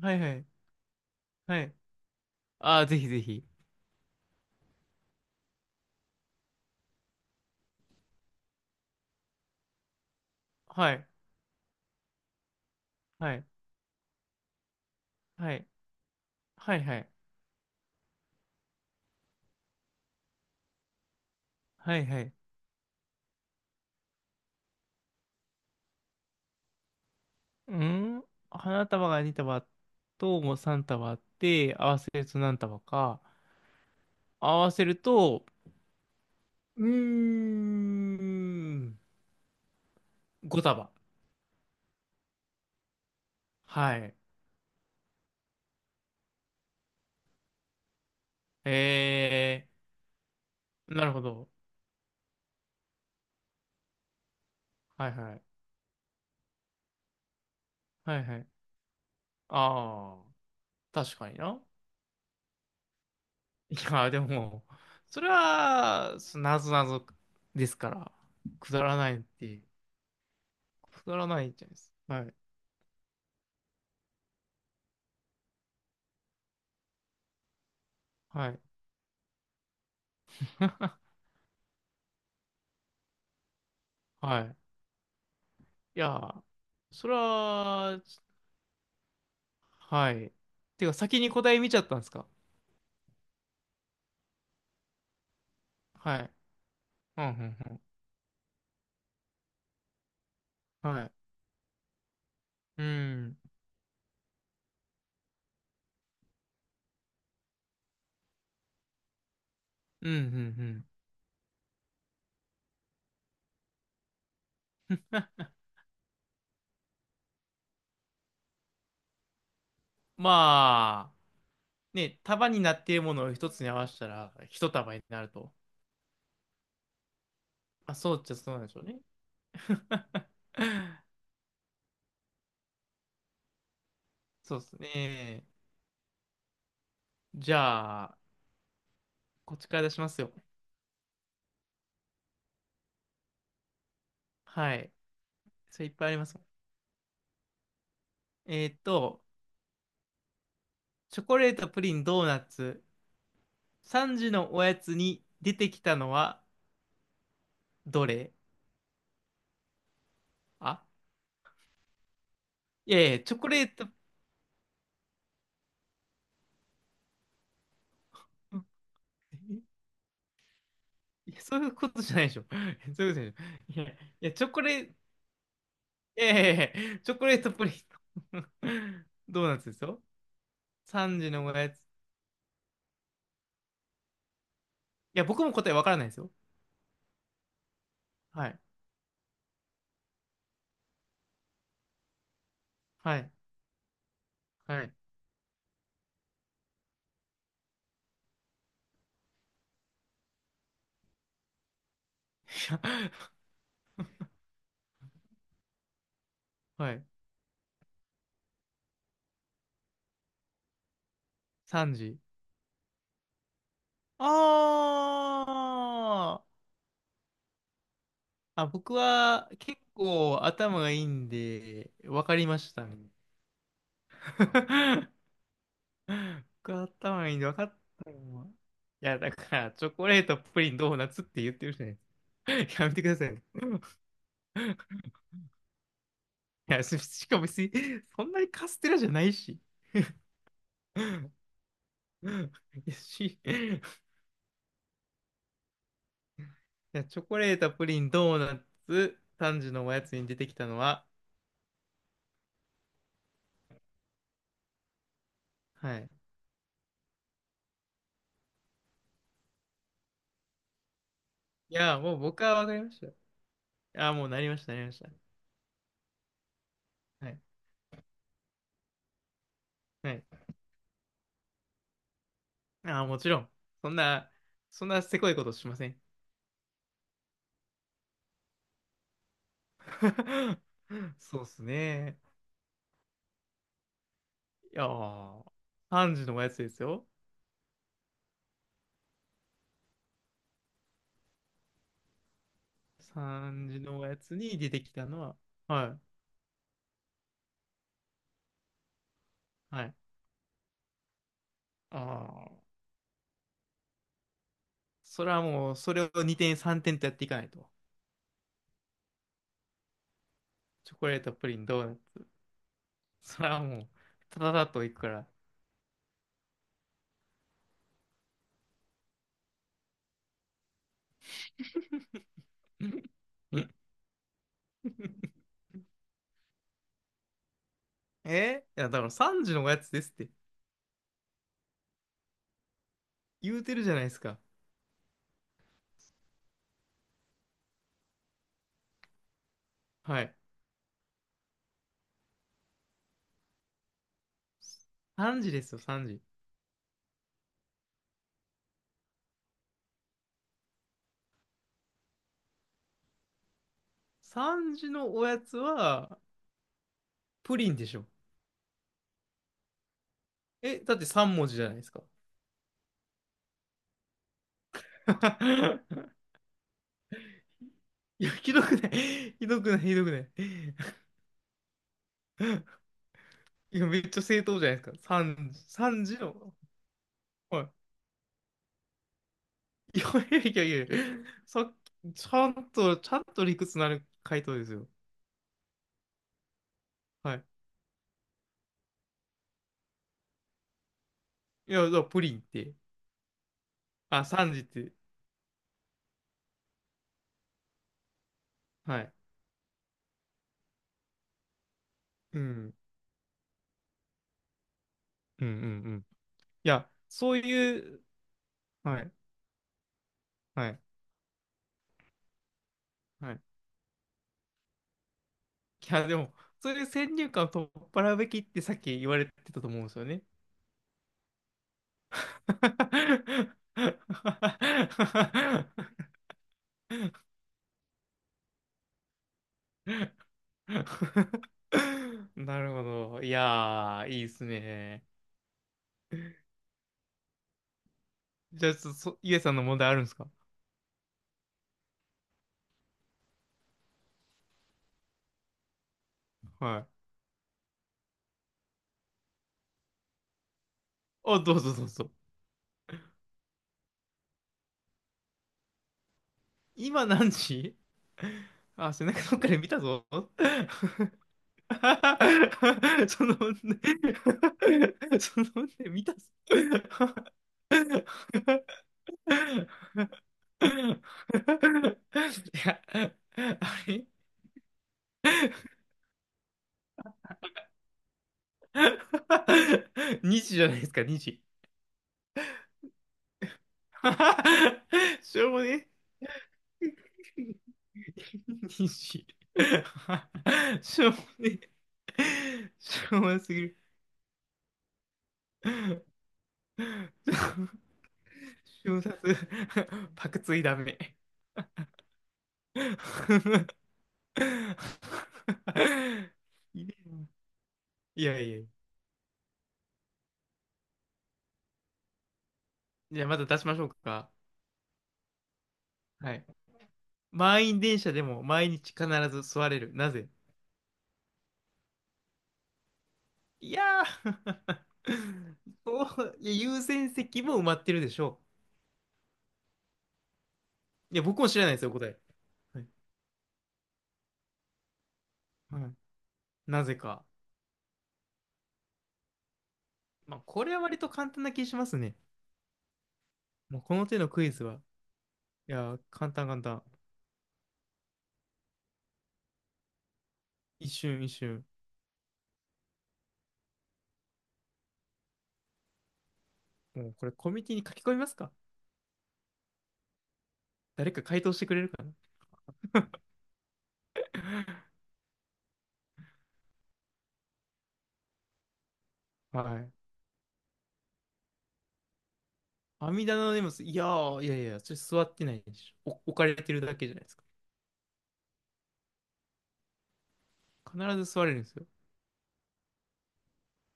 はいはい。はい。ああ、ぜひぜひ。はい。はい。はい。はい。はい。はい。はい。うん。花束が2束ともう3束あって、合わせると何束か。合わせると、うーん。5束。はい。えー、なるほど。はいはい。はいはい。ああ、確かにな。いや、でも、それは、なぞなぞですから、くだらないって。くだらないじゃないですか。はい。はい。はい。いや、それは、はい。てか、先に答え見ちゃったんですか？はい。うん、うん、うん。はい。うん、うん、うん、うん。まあ、ね、束になっているものを一つに合わせたら、一束になると。まあ、そうっちゃそうなんでしょうね。そうですね。じゃあ、こっちから出しますよ。はい。それいっぱいありますもん。えーっと、チョコレート、プリン、ドーナツ、3時のおやつに出てきたのはどれ？あ、いやいや、チョコレート、いやそういうことじゃないでしょ。そういうことじゃないでしょ。いや、いやチョコレート、いやいやいやチョコレートプリント ドーナツですよ。3時のおやつ。いや、僕も答えわからないですよ。はい。はい。はい。はい。3時。あーあ、僕は結構頭がいいんで、わかりましたね。僕は頭いいんで分かったよ。もういや、だから、チョコレート、プリン、ドーナツって言ってるじゃないですか。やめてくださいね。いや、しかも別に、そんなにカステラじゃないし。いや、いや、チョコレート、プリン、ドーナツ、単純のおやつに出てきたのは、はい。いや、もう僕は分かりました。いや、もうなりました、なりました。はい。はい。あ、もちろん。そんな、そんなせこいことしません。そうっすね。いやー、3時のおやつですよ。3時のおやつに出てきたのは、はい、はい。ああ、それはもう、それを2点3点とやっていかないと。チョコレート、プリン、ドーナツ。それはもう、ただだといくから。いや、だから3時のおやつですって言うてるじゃないですか。はい。3時ですよ、3時。3時のおやつは、プリンでしょ。え、だって3文字じゃないですか。いや、ひどくない。ひどくない、ひどくない。いや、めっちゃ正当じゃないですか。三時、3時の。はい。いやいやいやいや、さっき、ちゃんと、ちゃんと理屈のある回答ですよ。はい。いや、だからプリンって、あ、三時って、はい。うん。うんうんうん。いや、そういう、はい、はい、はい。いや、でも、そういう先入観を取っ払うべきってさっき言われてたと思うんですよね。なるほど。いやー、いいっすね。じゃあ、そイエさんの問題あるんですか？はい。あ、どうぞどうぞ。今何時？あ、背中どっかで見たぞ。その問 その問見たぞ。いや、あれ 2 時じゃないですか、2時。しょうもね。西。しょうもねえ。しょうもなすぎる。瞬殺。パクついダメ。ひでえな。いやいやいや。じゃあまた出しましょうか。はい。満員電車でも毎日必ず座れる。なぜ？いやー そういや優先席も埋まってるでしょう。いや、僕も知らないですよ、答え。はい。はい。なぜか。まあ、これは割と簡単な気しますね。もうこの手のクイズは、いやー、簡単簡単。一瞬一瞬。もうこれコミュニティに書き込みますか？誰か回答してくれるかな。はい。阿弥陀の念仏、いやー、いやいや、それ座ってないでしょ。お置かれてるだけじゃないですか。必ず座れるんですよ。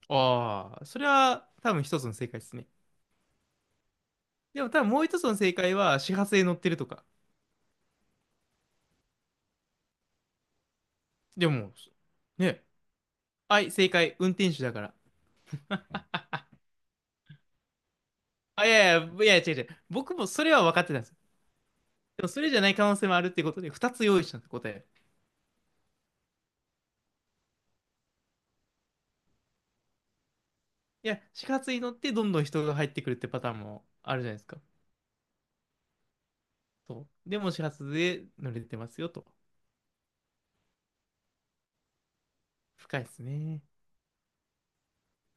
ああ、それは多分一つの正解ですね。でも多分もう一つの正解は始発で乗ってるとか。でも、ね。はい、正解。運転手だから。あ、いやいや、いや違う違う。僕もそれは分かってたんです。でもそれじゃない可能性もあるってことで、2つ用意したって答え。いや、始発に乗ってどんどん人が入ってくるってパターンもあるじゃないですか。そう。でも始発で乗れてますよと。深いですね。